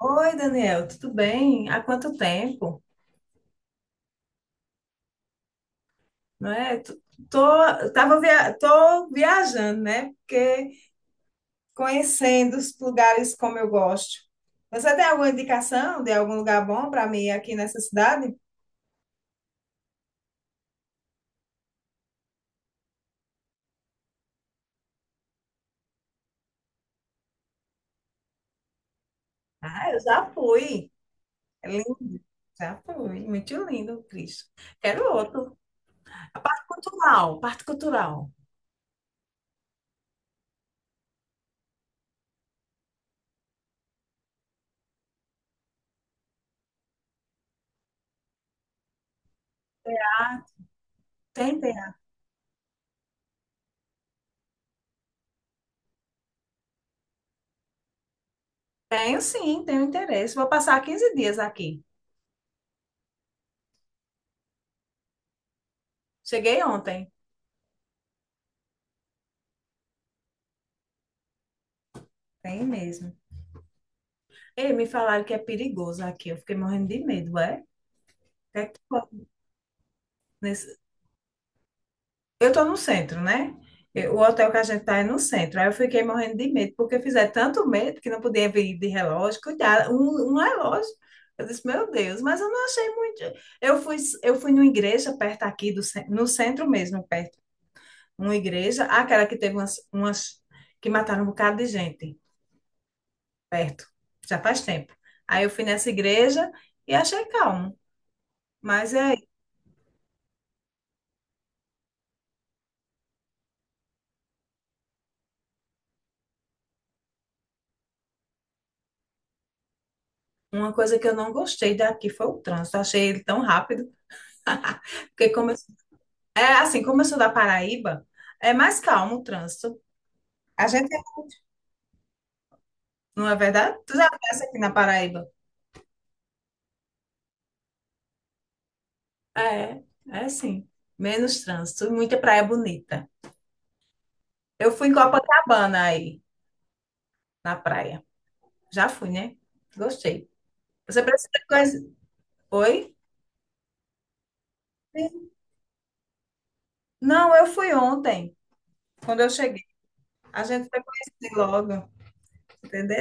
Oi, Daniel, tudo bem? Há quanto tempo, não é? Tô, tô viajando, né? Porque conhecendo os lugares como eu gosto. Você tem alguma indicação de algum lugar bom para mim aqui nessa cidade? Ah, eu já fui. É lindo. Já fui. Muito lindo, Cristo. Quero outro. A parte cultural, parte cultural. Tem, tem. Tenho sim, tenho interesse. Vou passar 15 dias aqui. Cheguei ontem. Tem mesmo. Ei, me falaram que é perigoso aqui. Eu fiquei morrendo de medo, é? O que é que tu- nesse- Eu tô no centro, né? O hotel que a gente tá é no centro. Aí eu fiquei morrendo de medo, porque fizeram tanto medo que não podia vir de relógio. Cuidado, um relógio. Eu disse, meu Deus, mas eu não achei muito. Eu fui, eu fui numa igreja perto aqui, no centro mesmo, perto. Uma igreja, aquela que teve umas que mataram um bocado de gente perto, já faz tempo. Aí eu fui nessa igreja e achei calmo. Mas é Uma coisa que eu não gostei daqui foi o trânsito. Achei ele tão rápido. Porque é assim, como eu sou da Paraíba, é mais calmo o trânsito. A gente, não é verdade? Tu já passa aqui na Paraíba? É, é sim. Menos trânsito, muita praia bonita. Eu fui em Copacabana aí, na praia. Já fui, né? Gostei. Você precisa conhecer. Oi? Não, eu fui ontem, quando eu cheguei. A gente foi conhecer logo, entendeu?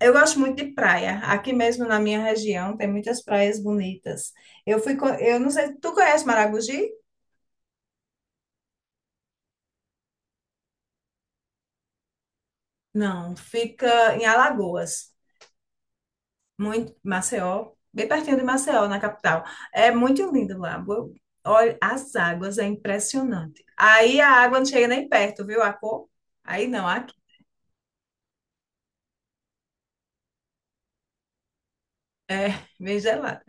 Eu gosto muito de praia. Aqui mesmo na minha região tem muitas praias bonitas. Eu fui, eu não sei, tu conhece Maragogi? Não, fica em Alagoas, muito Maceió, bem pertinho de Maceió, na capital. É muito lindo lá. Olha, as águas é impressionante. Aí a água não chega nem perto, viu a cor? Aí não, aqui é bem gelada.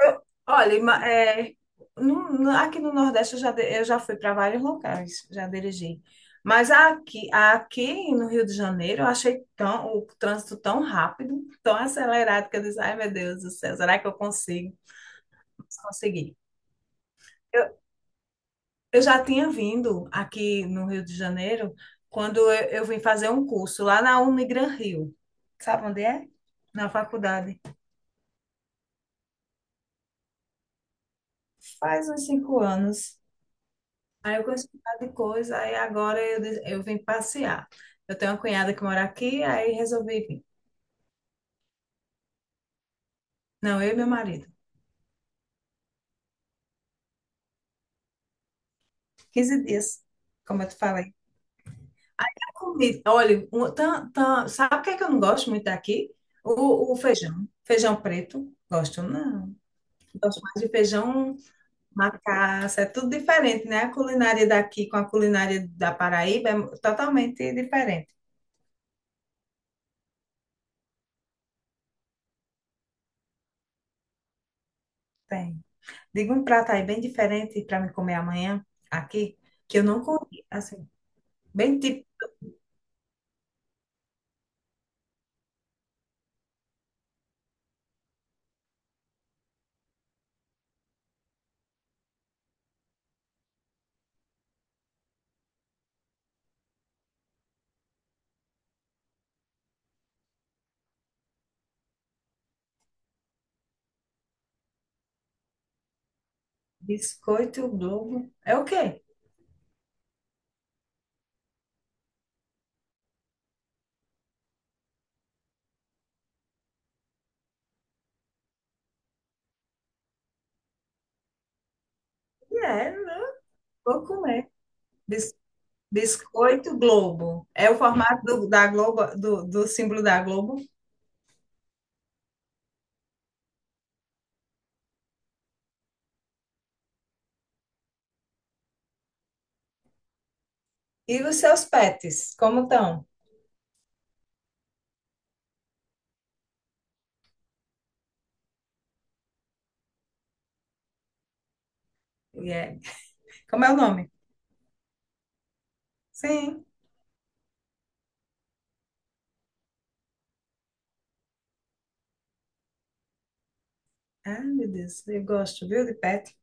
Eu- Olha, é, aqui no Nordeste eu já fui para vários locais, já dirigi. Mas aqui no Rio de Janeiro eu achei tão, o trânsito tão rápido, tão acelerado, que eu disse, ai meu Deus do céu, será que eu consigo? Consegui. Eu, eu já tinha vindo aqui no Rio de Janeiro quando eu vim fazer um curso lá na Unigran Rio. Sabe onde é? Na faculdade. Faz uns 5 anos. Aí eu conheci um bocado de coisa, aí agora eu vim passear. Eu tenho uma cunhada que mora aqui, aí resolvi vir. Não, eu e meu marido. 15 dias, como eu te falei. A comida. Olha, sabe o que é que eu não gosto muito daqui? O feijão. Feijão preto. Gosto, não. Gosto mais de feijão macaça. É tudo diferente, né? A culinária daqui com a culinária da Paraíba é totalmente diferente. Tem. Diga um prato aí bem diferente para me comer amanhã aqui, que eu não comi. Assim, bem tipo biscoito Globo. É o quê? É, vou comer. Bis- biscoito Globo. É o formato do, da Globo, do símbolo da Globo. E os seus pets, como estão? E é- Como é o nome? Sim. Ai, meu Deus, eu gosto, viu, de pet.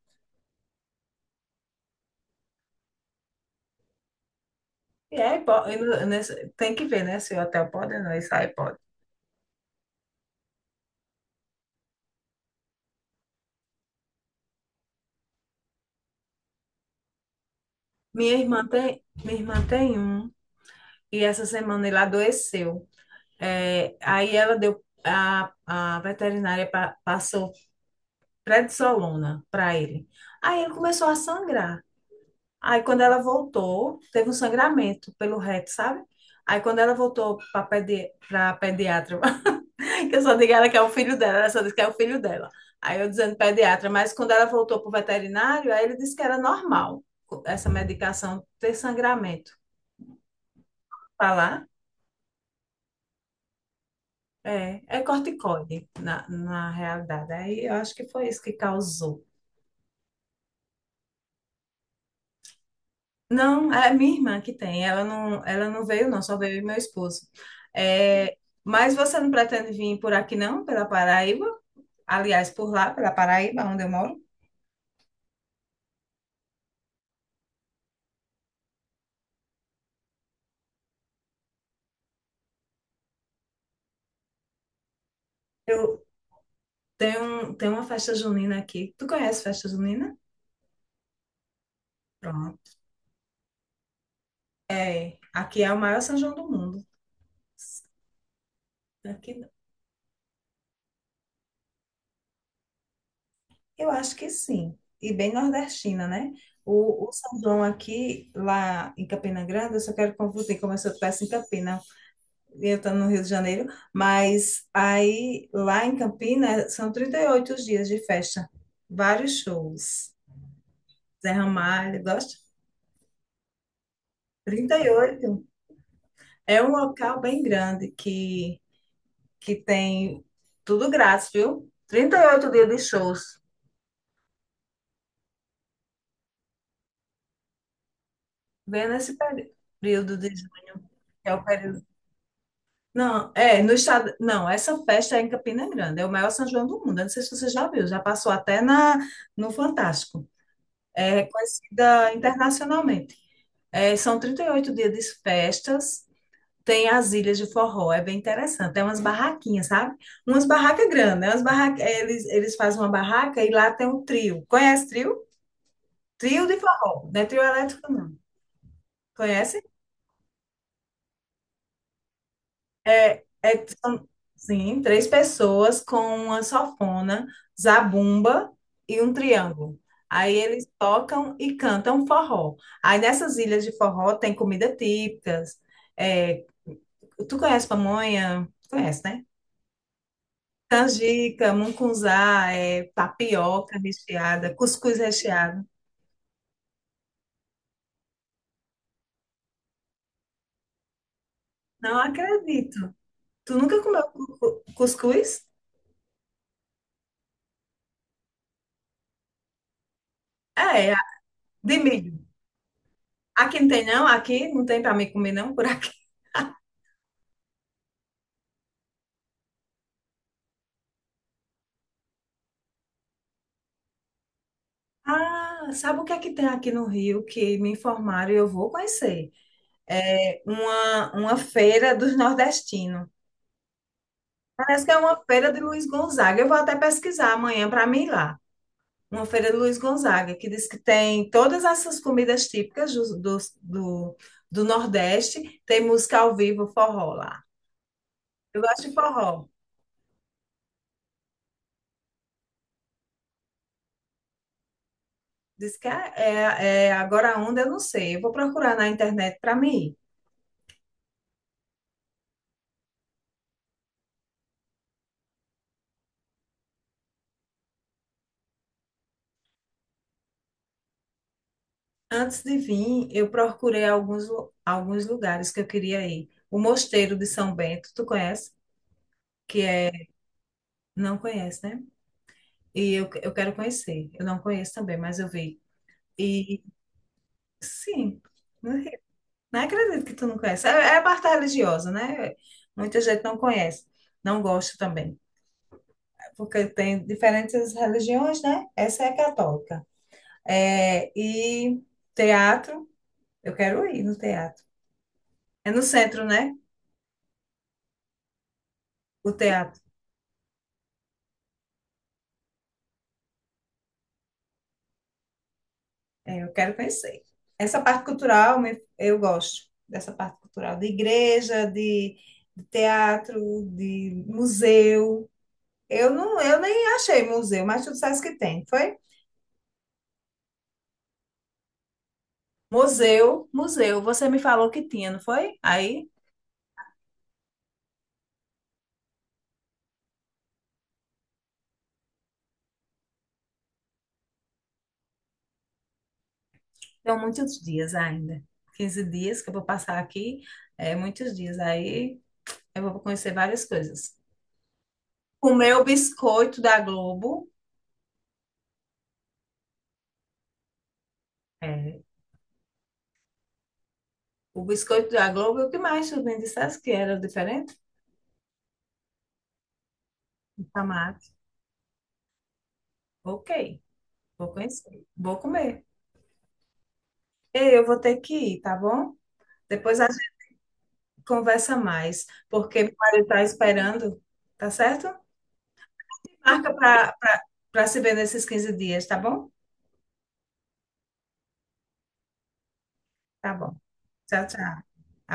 E é, e tem que ver, né, se o hotel pode ou não, isso aí pode. Minha irmã tem um, e essa semana ele adoeceu. É, aí ela deu, a veterinária passou prednisolona para ele. Aí ele começou a sangrar. Aí quando ela voltou, teve um sangramento pelo reto, sabe? Aí quando ela voltou para pedi pra pediatra, que eu só digo ela que é o filho dela, ela só disse que é o filho dela. Aí eu dizendo pediatra, mas quando ela voltou para o veterinário, aí ele disse que era normal essa medicação ter sangramento. Falar? É, é corticoide, na realidade. Aí eu acho que foi isso que causou. Não, é minha irmã que tem. Ela não veio, não, só veio meu esposo. É, mas você não pretende vir por aqui, não, pela Paraíba? Aliás, por lá, pela Paraíba, onde eu moro? Eu tenho, um- tenho uma festa junina aqui. Tu conhece festa junina? Pronto. É, aqui é o maior São João do mundo. Aqui Eu acho que sim. E bem nordestina, né? O São João aqui, lá em Campina Grande, eu só quero confundir como se eu estivesse em Campina, e eu estou no Rio de Janeiro, mas aí lá em Campina são 38 dias de festa, vários shows. Zé Ramalho, gosta? 38. É um local bem grande que tem tudo grátis, viu? 38 dias de shows, bem nesse período de junho, que é o período. Não, é, no estado. Não, essa festa é em Campina Grande, é o maior São João do mundo. Eu não sei se você já viu, já passou até no Fantástico. É reconhecida internacionalmente. É, são 38 dias de festas, tem as ilhas de forró, é bem interessante. Tem umas barraquinhas, sabe? Umas barracas grandes, né? Umas barraca, é, eles fazem uma barraca e lá tem um trio. Conhece trio? Trio de forró, não é trio elétrico, não. Conhece? É, é, são, sim, três pessoas com uma sanfona, zabumba e um triângulo. Aí eles tocam e cantam forró. Aí nessas ilhas de forró tem comida típicas. é, Tu conhece pamonha? Conhece, né? Canjica, mungunzá, tapioca recheada, cuscuz recheado. Não acredito. Tu nunca comeu cuscuz? É, de milho. Aqui não tem, não. Aqui não tem para mim comer, não, por aqui. Ah, sabe o que é que tem aqui no Rio que me informaram e eu vou conhecer? É uma feira dos nordestinos. Parece que é uma feira de Luiz Gonzaga. Eu vou até pesquisar amanhã para mim ir lá. Uma feira de Luiz Gonzaga, que diz que tem todas essas comidas típicas do, do Nordeste. Tem música ao vivo, forró lá. Eu gosto de forró. Diz que é agora a onda, eu não sei. Eu vou procurar na internet para mim ir. Antes de vir, eu procurei alguns lugares que eu queria ir. O Mosteiro de São Bento, tu conhece? Que é, não conhece, né? E eu quero conhecer. Eu não conheço também, mas eu vi. E sim, não não acredito que tu não conhece. É, é a parte religiosa, né? Muita gente não conhece, não gosta também, porque tem diferentes religiões, né? Essa é católica. É, e teatro, eu quero ir no teatro. É no centro, né? O teatro. É, eu quero conhecer. Essa parte cultural eu gosto, dessa parte cultural de igreja, de teatro, de museu. Eu não, eu nem achei museu, mas tu disseste que tem, foi? Museu, museu. Você me falou que tinha, não foi? Aí, são muitos dias ainda. 15 dias que eu vou passar aqui, é muitos dias. Aí eu vou conhecer várias coisas. Comer o biscoito da Globo. É, o biscoito da Globo, e o que mais tu me disseste que era diferente? Ok, vou conhecer, vou comer. Ei, eu vou ter que ir, tá bom? Depois a gente conversa mais, porque meu marido está esperando, tá certo? Marca para se ver nesses 15 dias, tá bom? Tá bom. Tchau, tchau.